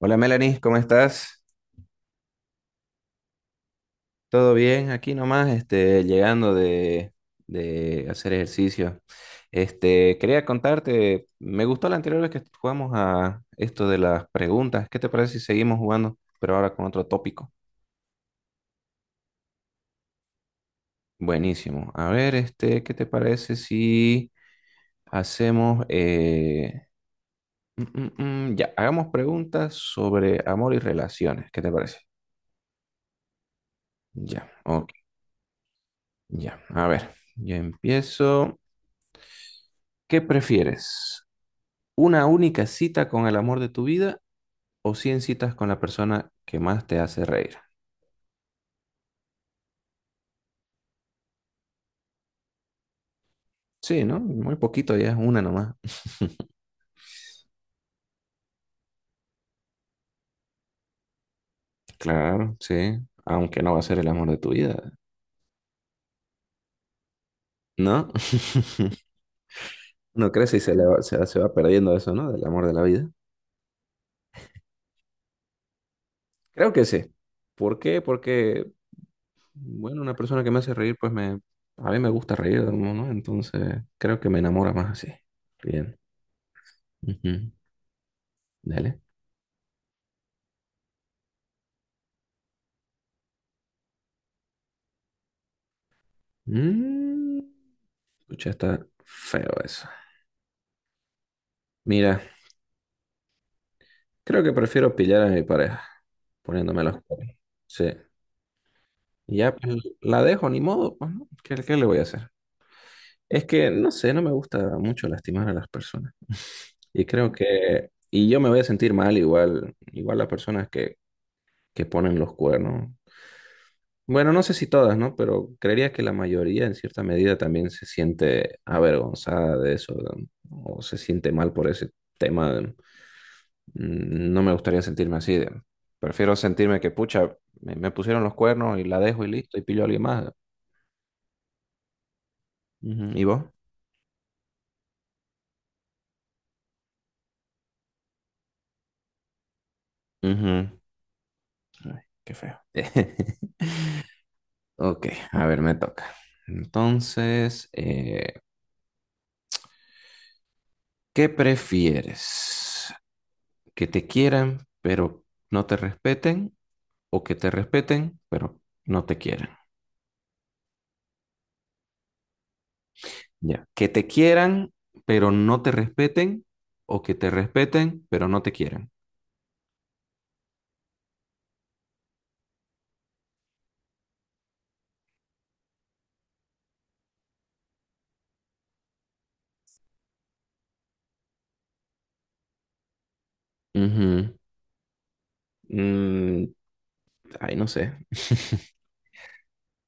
Hola Melanie, ¿cómo estás? ¿Todo bien? Aquí nomás, llegando de hacer ejercicio. Quería contarte, me gustó la anterior vez que jugamos a esto de las preguntas. ¿Qué te parece si seguimos jugando, pero ahora con otro tópico? Buenísimo. A ver, ¿qué te parece si hacemos, mm, mm, mm, ya, hagamos preguntas sobre amor y relaciones? ¿Qué te parece? Ya, ok, ya. A ver, yo empiezo. ¿Qué prefieres? ¿Una única cita con el amor de tu vida o 100 citas con la persona que más te hace reír? Sí, ¿no? Muy poquito, ya es una nomás. Claro, sí. Aunque no va a ser el amor de tu vida, ¿no? No crece y se va perdiendo eso, ¿no? Del amor de la vida. Creo que sí. ¿Por qué? Porque, bueno, una persona que me hace reír, pues me... A mí me gusta reír, ¿no? ¿no? Entonces, creo que me enamora más así. Bien. Ujú. Dale. Mm, pucha, está feo eso. Mira. Creo que prefiero pillar a mi pareja, poniéndome los cuernos. Sí. Y ya pues, la dejo, ni modo, pues, ¿no? ¿Qué le voy a hacer? Es que, no sé, no me gusta mucho lastimar a las personas. Y yo me voy a sentir mal igual, igual las personas que ponen los cuernos. Bueno, no sé si todas, ¿no? Pero creería que la mayoría en cierta medida también se siente avergonzada de eso, ¿no? O se siente mal por ese tema. No me gustaría sentirme así. Prefiero sentirme que, pucha, me pusieron los cuernos y la dejo y listo, y pillo a alguien más. Ujú, ¿y vos? Ujú. Ay, qué feo. Ok, a ver, me toca. Entonces, ¿qué prefieres? ¿Que te quieran pero no te respeten? ¿O que te respeten pero no te quieran? Ya. ¿Que te quieran pero no te respeten? ¿O que te respeten pero no te quieran? Ujú. Mm, Ay, no sé.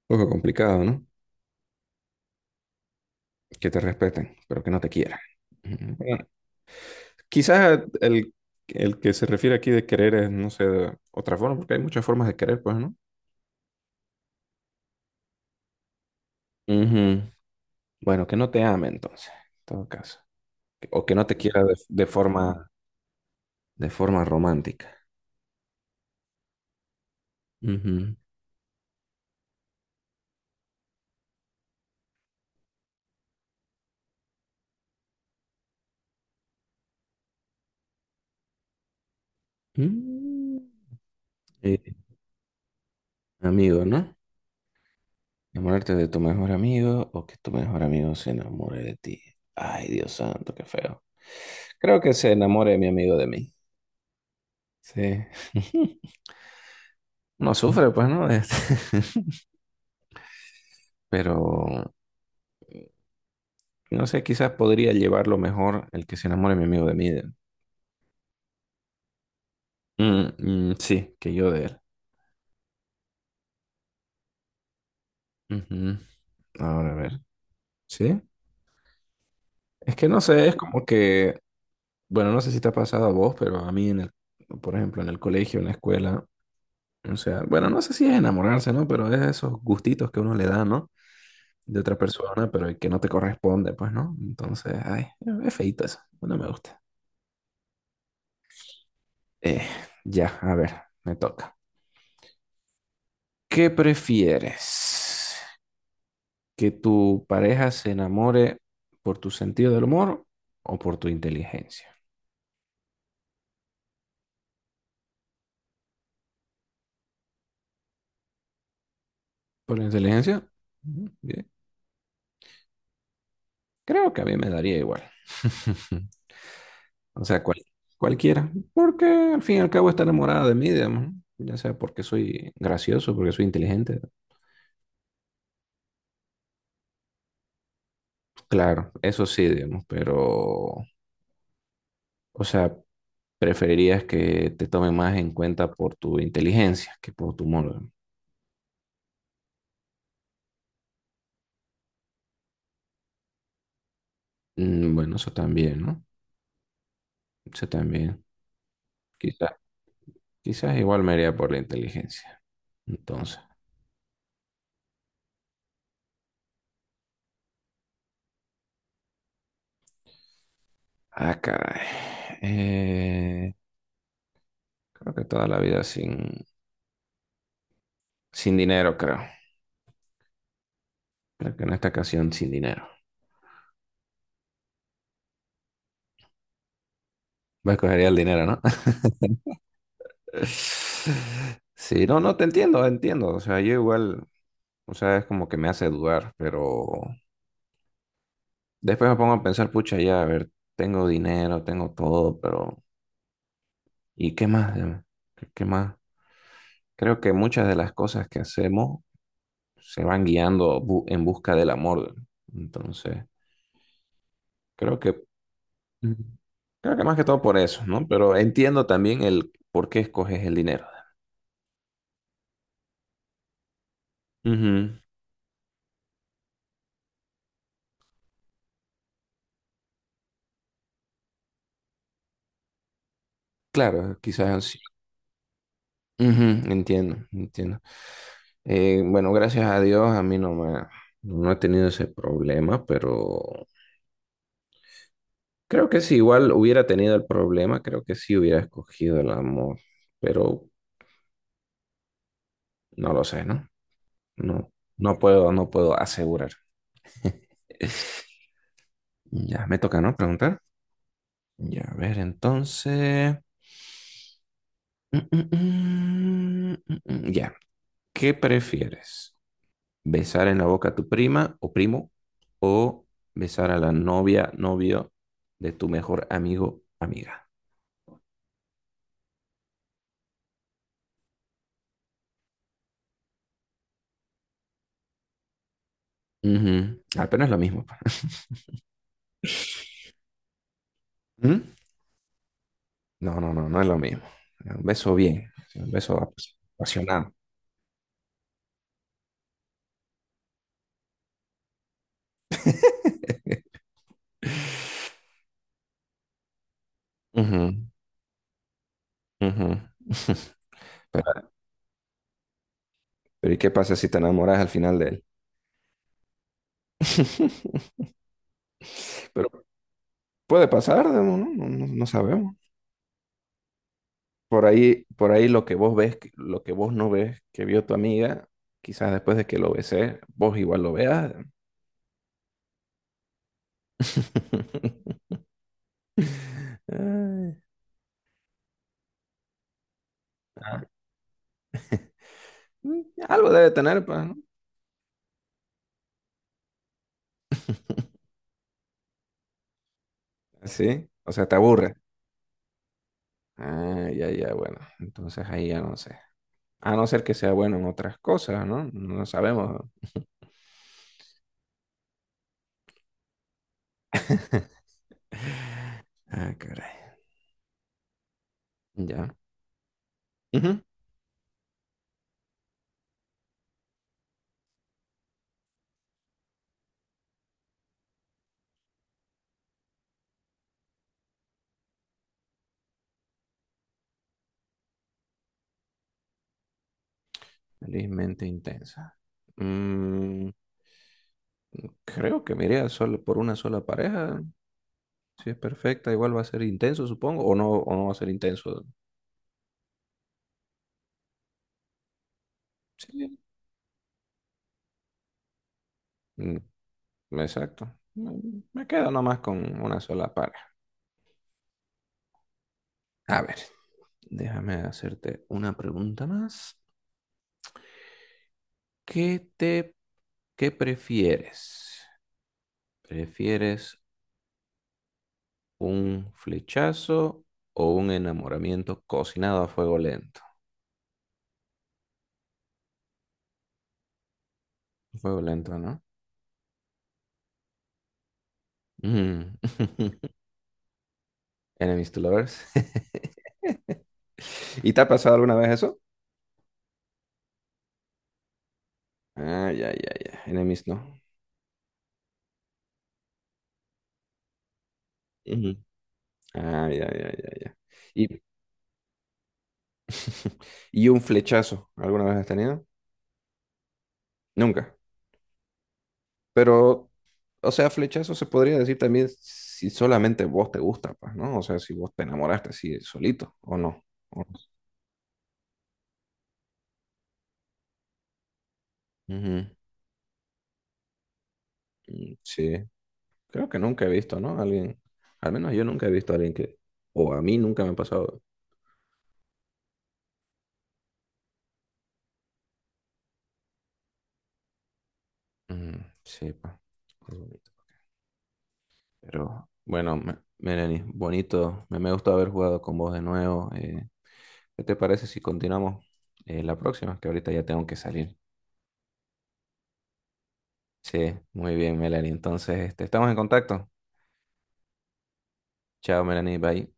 Un poco complicado, ¿no? Que te respeten, pero que no te quieran. Ujú. Bueno, quizás el que se refiere aquí de querer es, no sé, de otra forma, porque hay muchas formas de querer, pues, ¿no? Ujú. Bueno, que no te ame entonces, en todo caso. O que no te quiera de forma romántica. Ujú. Mm, eh, amigo, ¿no? Enamorarte de tu mejor amigo o que tu mejor amigo se enamore de ti. Ay, Dios santo, qué feo. Creo que se enamore mi amigo de mí. Sí. No sufre, pues, ¿no? Pero, no sé, quizás podría llevarlo mejor el que se enamore mi amigo de mí. Sí, que yo de él. Ujú. Ahora, a ver. ¿Sí? Es que no sé, es como que, bueno, no sé si te ha pasado a vos, pero a mí, en el, por ejemplo, en el colegio, en la escuela, o sea, bueno, no sé si es enamorarse, ¿no? Pero es esos gustitos que uno le da, ¿no? De otra persona, pero que no te corresponde, pues, ¿no? Entonces, ay, es feíto eso, no me gusta. Eh, ya, a ver, me toca. ¿Qué prefieres? ¿Que tu pareja se enamore por tu sentido del humor o por tu inteligencia? ¿Por la inteligencia? Ujú, bien. Creo que a mí me daría igual. O sea, cualquiera. Porque al fin y al cabo está enamorada de mí, digamos. ¿No? Ya sea porque soy gracioso, porque soy inteligente. Claro, eso sí, digamos. Pero, o sea, preferirías que te tomen más en cuenta por tu inteligencia que por tu humor. Bueno, eso también, ¿no? Eso también. Quizás, quizás igual me iría por la inteligencia. Entonces, ah, caray. Eh, creo que toda la vida sin dinero, creo. Creo que en esta ocasión sin dinero. Me escogería el dinero, ¿no? Sí, no, no, te entiendo, entiendo. O sea, yo igual, o sea, es como que me hace dudar, pero después me pongo a pensar, pucha, ya, a ver, tengo dinero, tengo todo, pero ¿y qué más? ¿Qué más? Creo que muchas de las cosas que hacemos se van guiando en busca del amor. ¿No? Entonces, creo que, Mm. creo que más que todo por eso, ¿no? Pero entiendo también el por qué escoges el dinero. Ujú. Claro, quizás sí. Ujú, entiendo, entiendo. Bueno, gracias a Dios a mí no he tenido ese problema, pero creo que si igual hubiera tenido el problema, creo que sí hubiera escogido el amor, pero no lo sé, ¿no? No, no puedo asegurar. Ya me toca, ¿no? Preguntar. Ya, a ver, entonces. Ya, ¿qué prefieres? ¿Besar en la boca a tu prima o primo o besar a la novia, novio de tu mejor amigo, amiga? Ujú. Ah, pero no es lo mismo. Pa. ¿Mm? No, no, no, no es lo mismo. Un beso bien, un beso apasionado. Ujú, ujú. Pero, pero ¿y qué pasa si te enamoras al final de él? Pero puede pasar, Demo, ¿no? No, no sabemos. Por ahí lo que vos ves, lo que vos no ves, que vio tu amiga, quizás después de que lo besé, vos igual lo veas. Ay, ah, mm, algo debe tener, pues, ¿no? Sí, o sea, te aburre. Ah, ya, ya, bueno. Entonces ahí ya no sé. A no ser que sea bueno en otras cosas, ¿no? No sabemos. Ah, caray. Ya. Ujú. Felizmente intensa. Mm, Creo que me iría solo por una sola pareja. Si es perfecta, igual va a ser intenso, supongo, o no va a ser intenso. Sí, mm, exacto. Me me quedo nomás con una sola pareja. A ver, déjame hacerte una pregunta más. ¿Qué te, qué prefieres? ¿Prefieres un flechazo o un enamoramiento cocinado a fuego lento? Fuego lento, ¿no? Mm. Enemies to lovers. ¿Y te ha pasado alguna vez eso? Ah, ya, ya, ya. Enemies, ¿no? Ujú. Ah, ya, ya, ya, ya. Y, y un flechazo, ¿alguna vez has tenido? Nunca. Pero, o sea, flechazo se podría decir también si solamente vos te gusta, pues, ¿no? O sea, si vos te enamoraste así solito o no. O- Ujú. Mm, sí, creo que nunca he visto, ¿no? Alguien, al menos yo nunca he visto a alguien que, o a mí nunca me ha pasado. Mm, sí, pues. Pero bueno, Melanie, bonito. Me gustó haber jugado con vos de nuevo. ¿Qué te parece si continuamos la próxima? Que ahorita ya tengo que salir. Sí, muy bien, Melanie. Entonces, estamos en contacto. Chao, Melanie. Bye.